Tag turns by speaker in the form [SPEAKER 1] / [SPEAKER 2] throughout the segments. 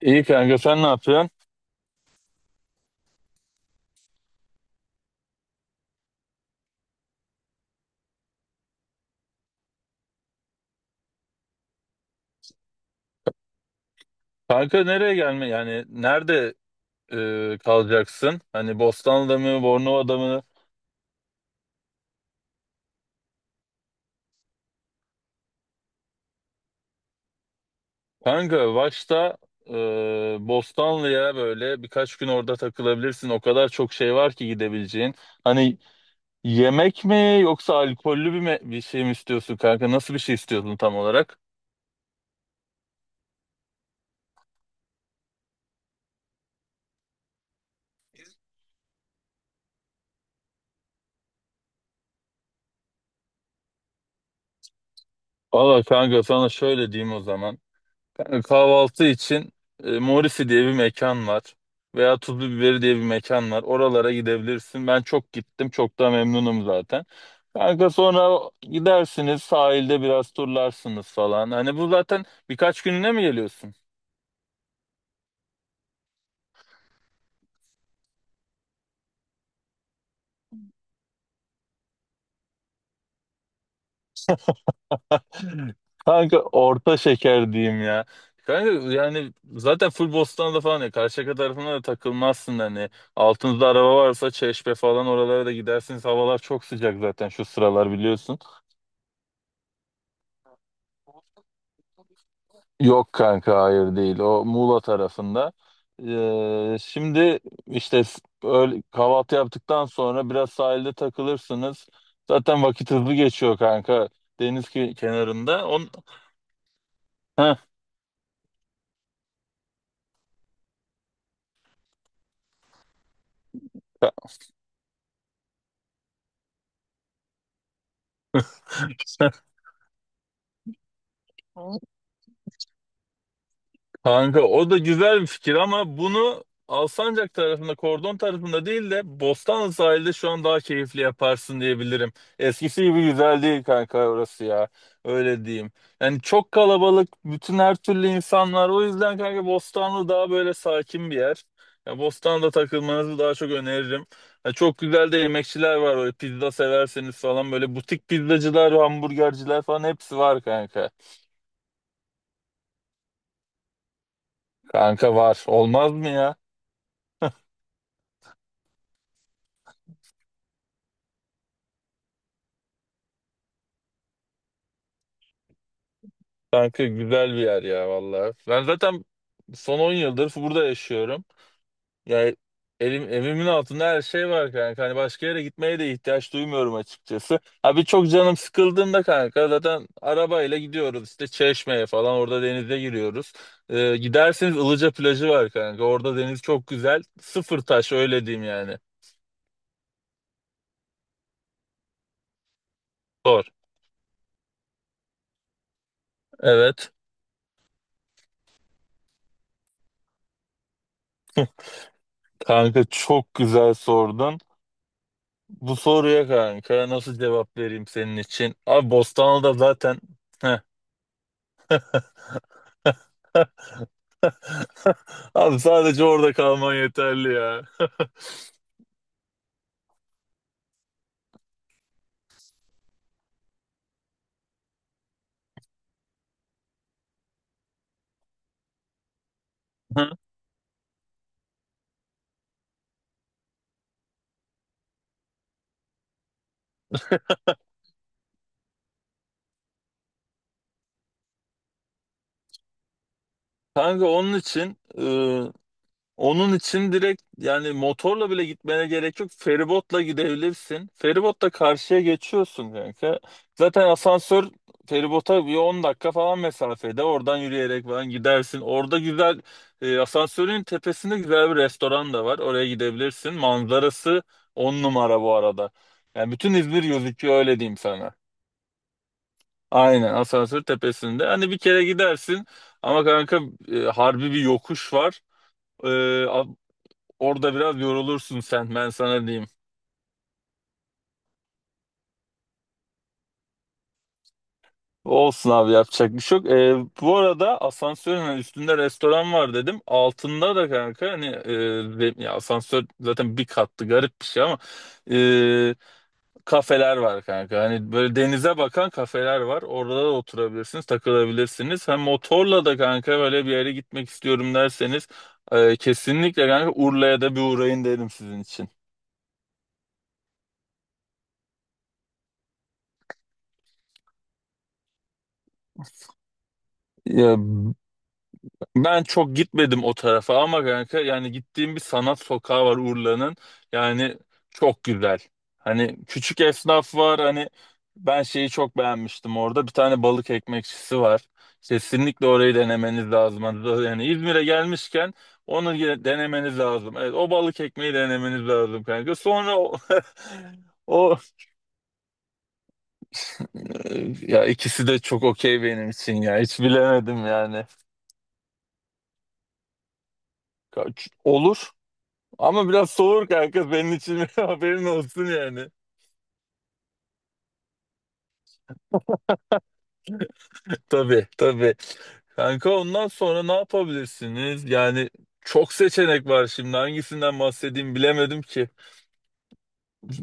[SPEAKER 1] İyi kanka sen ne yapıyorsun? Kanka nereye gelme yani nerede kalacaksın? Hani Bostanlı'da mı Bornova'da mı? Kanka başta e, Bostanlı'ya böyle birkaç gün orada takılabilirsin. O kadar çok şey var ki gidebileceğin. Hani yemek mi yoksa alkollü bir şey mi istiyorsun kanka? Nasıl bir şey istiyorsun tam olarak? Valla kanka sana şöyle diyeyim o zaman. Yani kahvaltı için Morisi diye bir mekan var. Veya Tuzlu Biberi diye bir mekan var. Oralara gidebilirsin. Ben çok gittim. Çok da memnunum zaten. Kanka sonra gidersiniz sahilde biraz turlarsınız falan. Hani bu zaten birkaç gününe mi geliyorsun? Kanka orta şeker diyeyim ya. Kanka yani zaten full Bostan'da falan ya Karşıyaka tarafına da takılmazsın hani. Altınızda araba varsa Çeşme falan oralara da gidersiniz. Havalar çok sıcak zaten şu sıralar biliyorsun. Yok kanka hayır değil. O Muğla tarafında. Şimdi işte kahvaltı yaptıktan sonra biraz sahilde takılırsınız. Zaten vakit hızlı geçiyor kanka. Deniz kenarında. Heh. Kanka o da güzel bir fikir ama bunu Alsancak tarafında, Kordon tarafında değil de Bostanlı sahilde şu an daha keyifli yaparsın diyebilirim. Eskisi gibi güzel değil kanka orası ya. Öyle diyeyim. Yani çok kalabalık, bütün her türlü insan var. O yüzden kanka Bostanlı daha böyle sakin bir yer. Ya Bostanlı'da takılmanızı daha çok öneririm. Ya çok güzel de yemekçiler var. Böyle pizza severseniz falan böyle butik pizzacılar, hamburgerciler falan hepsi var kanka. Kanka var. Olmaz mı ya? Kanka güzel bir yer ya vallahi. Ben zaten son 10 yıldır burada yaşıyorum. Yani elim, evimin altında her şey var kanka. Hani başka yere gitmeye de ihtiyaç duymuyorum açıkçası. Abi çok canım sıkıldığında kanka zaten arabayla gidiyoruz işte Çeşme'ye falan orada denize giriyoruz. Giderseniz Ilıca plajı var kanka. Orada deniz çok güzel. Sıfır taş öyle diyeyim yani. Sor. Evet. Kanka çok güzel sordun. Bu soruya kanka nasıl cevap vereyim senin için? Abi Bostanlı'da zaten Heh. Abi sadece orada kalman yeterli ya. Kanka onun için onun için direkt yani motorla bile gitmene gerek yok. Feribotla gidebilirsin. Feribotla karşıya geçiyorsun kanka. Zaten asansör feribota bir 10 dakika falan mesafede. Oradan yürüyerek falan gidersin. Orada güzel asansörün tepesinde güzel bir restoran da var. Oraya gidebilirsin. Manzarası 10 numara bu arada. Yani bütün İzmir gözüküyor öyle diyeyim sana. Aynen asansör tepesinde. Hani bir kere gidersin ama kanka harbi bir yokuş var. E, Orada biraz yorulursun sen ben sana diyeyim. Olsun abi yapacak bir şey yok. Bu arada asansörün hani üstünde restoran var dedim. Altında da kanka hani ya asansör zaten bir kattı garip bir şey ama e, kafeler var kanka. Hani böyle denize bakan kafeler var. Orada da oturabilirsiniz, takılabilirsiniz. Hem motorla da kanka böyle bir yere gitmek istiyorum derseniz kesinlikle kanka Urla'ya da bir uğrayın derim sizin için. Ya ben çok gitmedim o tarafa ama kanka yani gittiğim bir sanat sokağı var Urla'nın. Yani çok güzel. Hani küçük esnaf var. Hani ben şeyi çok beğenmiştim orada. Bir tane balık ekmekçisi var. Kesinlikle orayı denemeniz lazım. Yani İzmir'e gelmişken denemeniz lazım. Evet, o balık ekmeği denemeniz lazım kanka. Sonra o ya ikisi de çok okey benim için ya. Hiç bilemedim yani. Olur. Ama biraz soğur kanka benim için haberin olsun yani. Tabii tabii. Kanka ondan sonra ne yapabilirsiniz? Yani çok seçenek var şimdi hangisinden bahsedeyim bilemedim ki.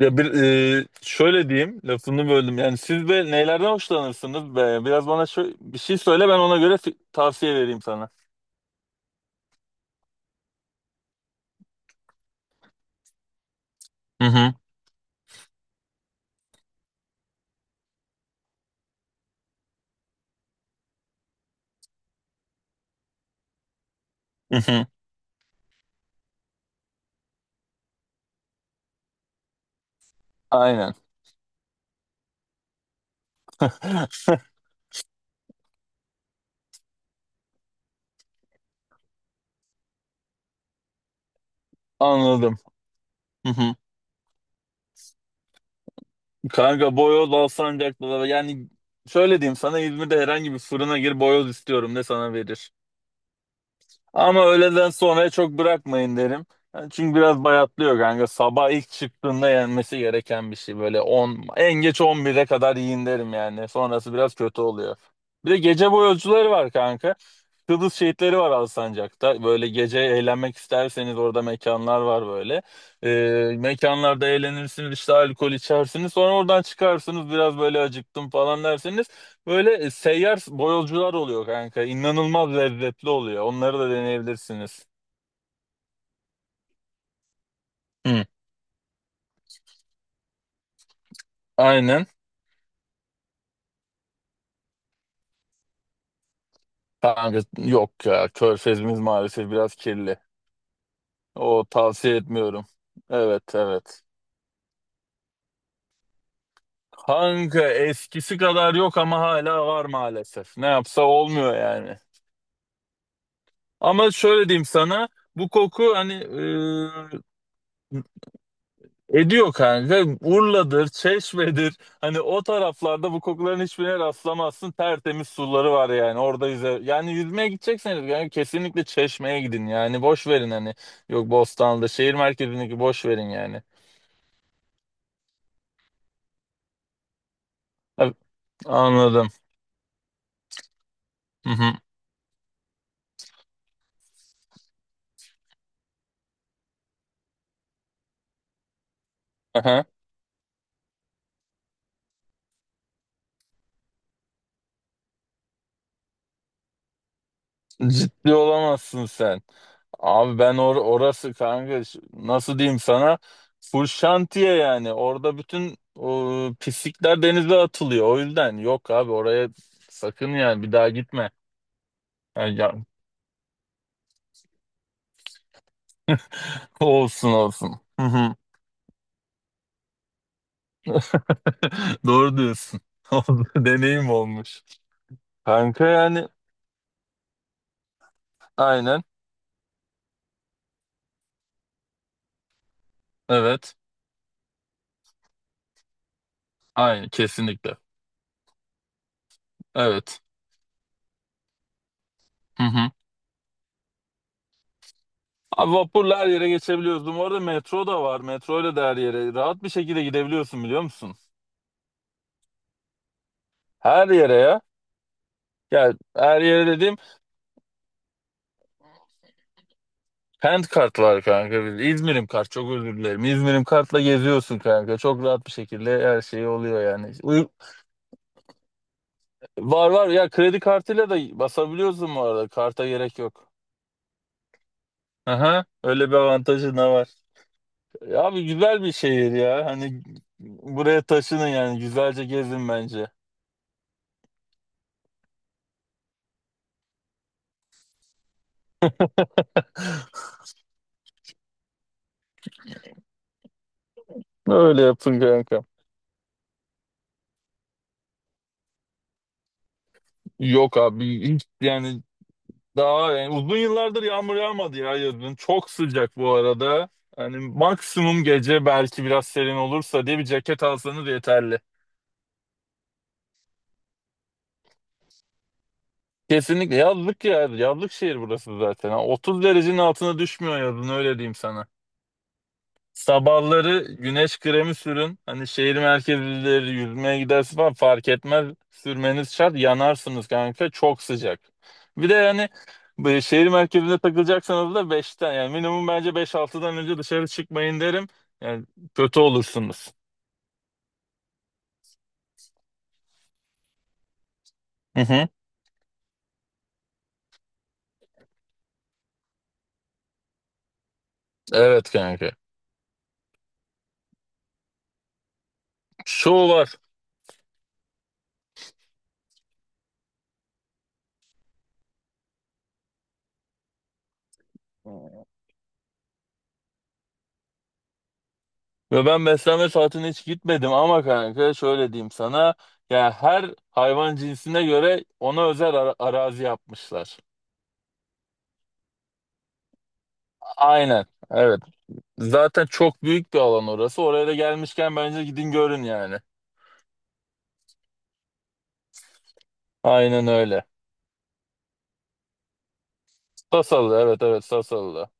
[SPEAKER 1] Ya şöyle diyeyim lafını böldüm. Yani siz de nelerden hoşlanırsınız be? Biraz bana bir şey söyle ben ona göre tavsiye vereyim sana. Hı hı. Hı hı. Aynen. Anladım. Hı hı. Kanka boyoz Alsancak'ta da yani şöyle diyeyim sana İzmir'de herhangi bir fırına gir boyoz istiyorum de sana verir. Ama öğleden sonraya çok bırakmayın derim. Yani çünkü biraz bayatlıyor kanka. Sabah ilk çıktığında yenmesi gereken bir şey. Böyle 10 en geç 11'e kadar yiyin derim yani. Sonrası biraz kötü oluyor. Bir de gece boyozcuları var kanka. Kıbrıs şehitleri var Alsancak'ta. Böyle gece eğlenmek isterseniz orada mekanlar var böyle. Mekanlarda eğlenirsiniz işte alkol içersiniz. Sonra oradan çıkarsınız biraz böyle acıktım falan derseniz. Böyle seyyar boyolcular oluyor kanka. İnanılmaz lezzetli oluyor. Onları da deneyebilirsiniz. Hı. Aynen. Kanka yok ya. Körfezimiz maalesef biraz kirli. O tavsiye etmiyorum. Evet, evet. Kanka eskisi kadar yok ama hala var maalesef. Ne yapsa olmuyor yani. Ama şöyle diyeyim sana bu koku hani ediyor kanka. Urla'dır, Çeşme'dir. Hani o taraflarda bu kokuların hiçbirine rastlamazsın. Tertemiz suları var yani orada yüze. Yani yüzmeye gidecekseniz yani kesinlikle Çeşme'ye gidin yani. Boş verin hani. Yok Bostanlı'da şehir merkezindeki boş verin yani. Ha, anladım. Hı hı. Aha. Ciddi olamazsın sen. Abi ben orası kanka nasıl diyeyim sana full şantiye yani orada bütün pislikler denize atılıyor o yüzden yok abi oraya sakın yani bir daha gitme. Yani, ya- olsun olsun. Hı hı. Doğru diyorsun. Oldu, deneyim olmuş. Kanka yani aynen evet aynen kesinlikle evet. Hı hı. Abi vapurla her yere geçebiliyoruz. Bu arada metro da var. Metro ile de her yere rahat bir şekilde gidebiliyorsun biliyor musun? Her yere ya. Ya her yere dediğim hand kart var kanka. İzmir'im kart çok özür dilerim. İzmir'im kartla geziyorsun kanka. Çok rahat bir şekilde her şey oluyor yani. Var var ya kredi kartıyla da basabiliyorsun bu arada. Karta gerek yok. Aha, öyle bir avantajı da var. Ya abi güzel bir şehir ya. Hani buraya taşının yani güzelce gezin bence. Öyle yapın kanka. Yok abi hiç yani daha yani uzun yıllardır yağmur yağmadı ya yazın. Çok sıcak bu arada. Hani maksimum gece belki biraz serin olursa diye bir ceket alsanız yeterli. Kesinlikle yazlık ya. Yazlık şehir burası zaten. Ha, 30 derecenin altına düşmüyor yazın öyle diyeyim sana. Sabahları güneş kremi sürün. Hani şehir merkezleri yüzmeye gidersin falan fark etmez. Sürmeniz şart. Yanarsınız kanka. Çok sıcak. Bir de yani bu şehir merkezinde takılacaksanız da beşten yani minimum bence 5-6'dan önce dışarı çıkmayın derim. Yani kötü olursunuz. Hı hı. Evet kanka. Şov var. Ve ben beslenme saatine hiç gitmedim ama kanka şöyle diyeyim sana. Ya her hayvan cinsine göre ona özel arazi yapmışlar. Aynen. Evet. Zaten çok büyük bir alan orası. Oraya da gelmişken bence gidin görün yani. Aynen öyle. Sasalı, evet evet, Sasalı'da.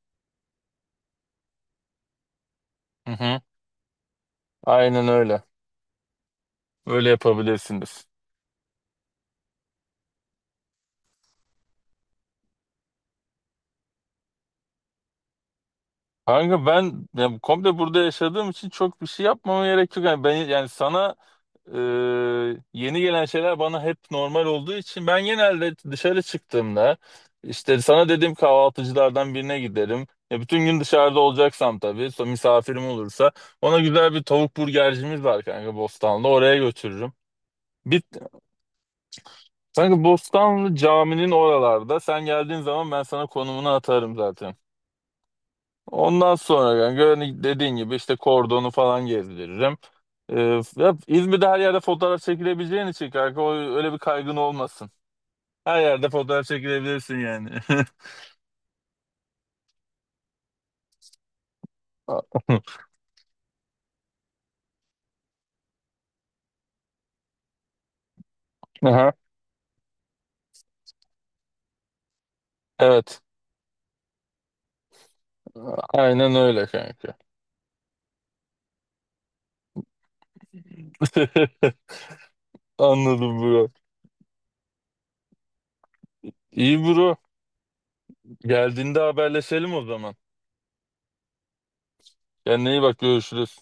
[SPEAKER 1] Hı hı. Aynen öyle. Öyle yapabilirsiniz. Kanka ben ya, komple burada yaşadığım için çok bir şey yapmama gerek yok. Yani ben yani sana Ee, yeni gelen şeyler bana hep normal olduğu için ben genelde dışarı çıktığımda işte sana dediğim kahvaltıcılardan birine giderim. Ya bütün gün dışarıda olacaksam tabii misafirim olursa ona güzel bir tavuk burgercimiz var kanka Bostanlı oraya götürürüm. Bir, kanka Bostanlı caminin oralarda sen geldiğin zaman ben sana konumunu atarım zaten. Ondan sonra yani dediğin gibi işte kordonu falan gezdiririm. Ee, ya İzmir'de her yerde fotoğraf çekilebileceğin için kanka öyle bir kaygın olmasın. Her yerde fotoğraf çekilebilirsin yani. Aha, evet. Aynen öyle kanka. Anladım bro. İyi bro. Geldiğinde haberleşelim o zaman. Kendine iyi bak, görüşürüz.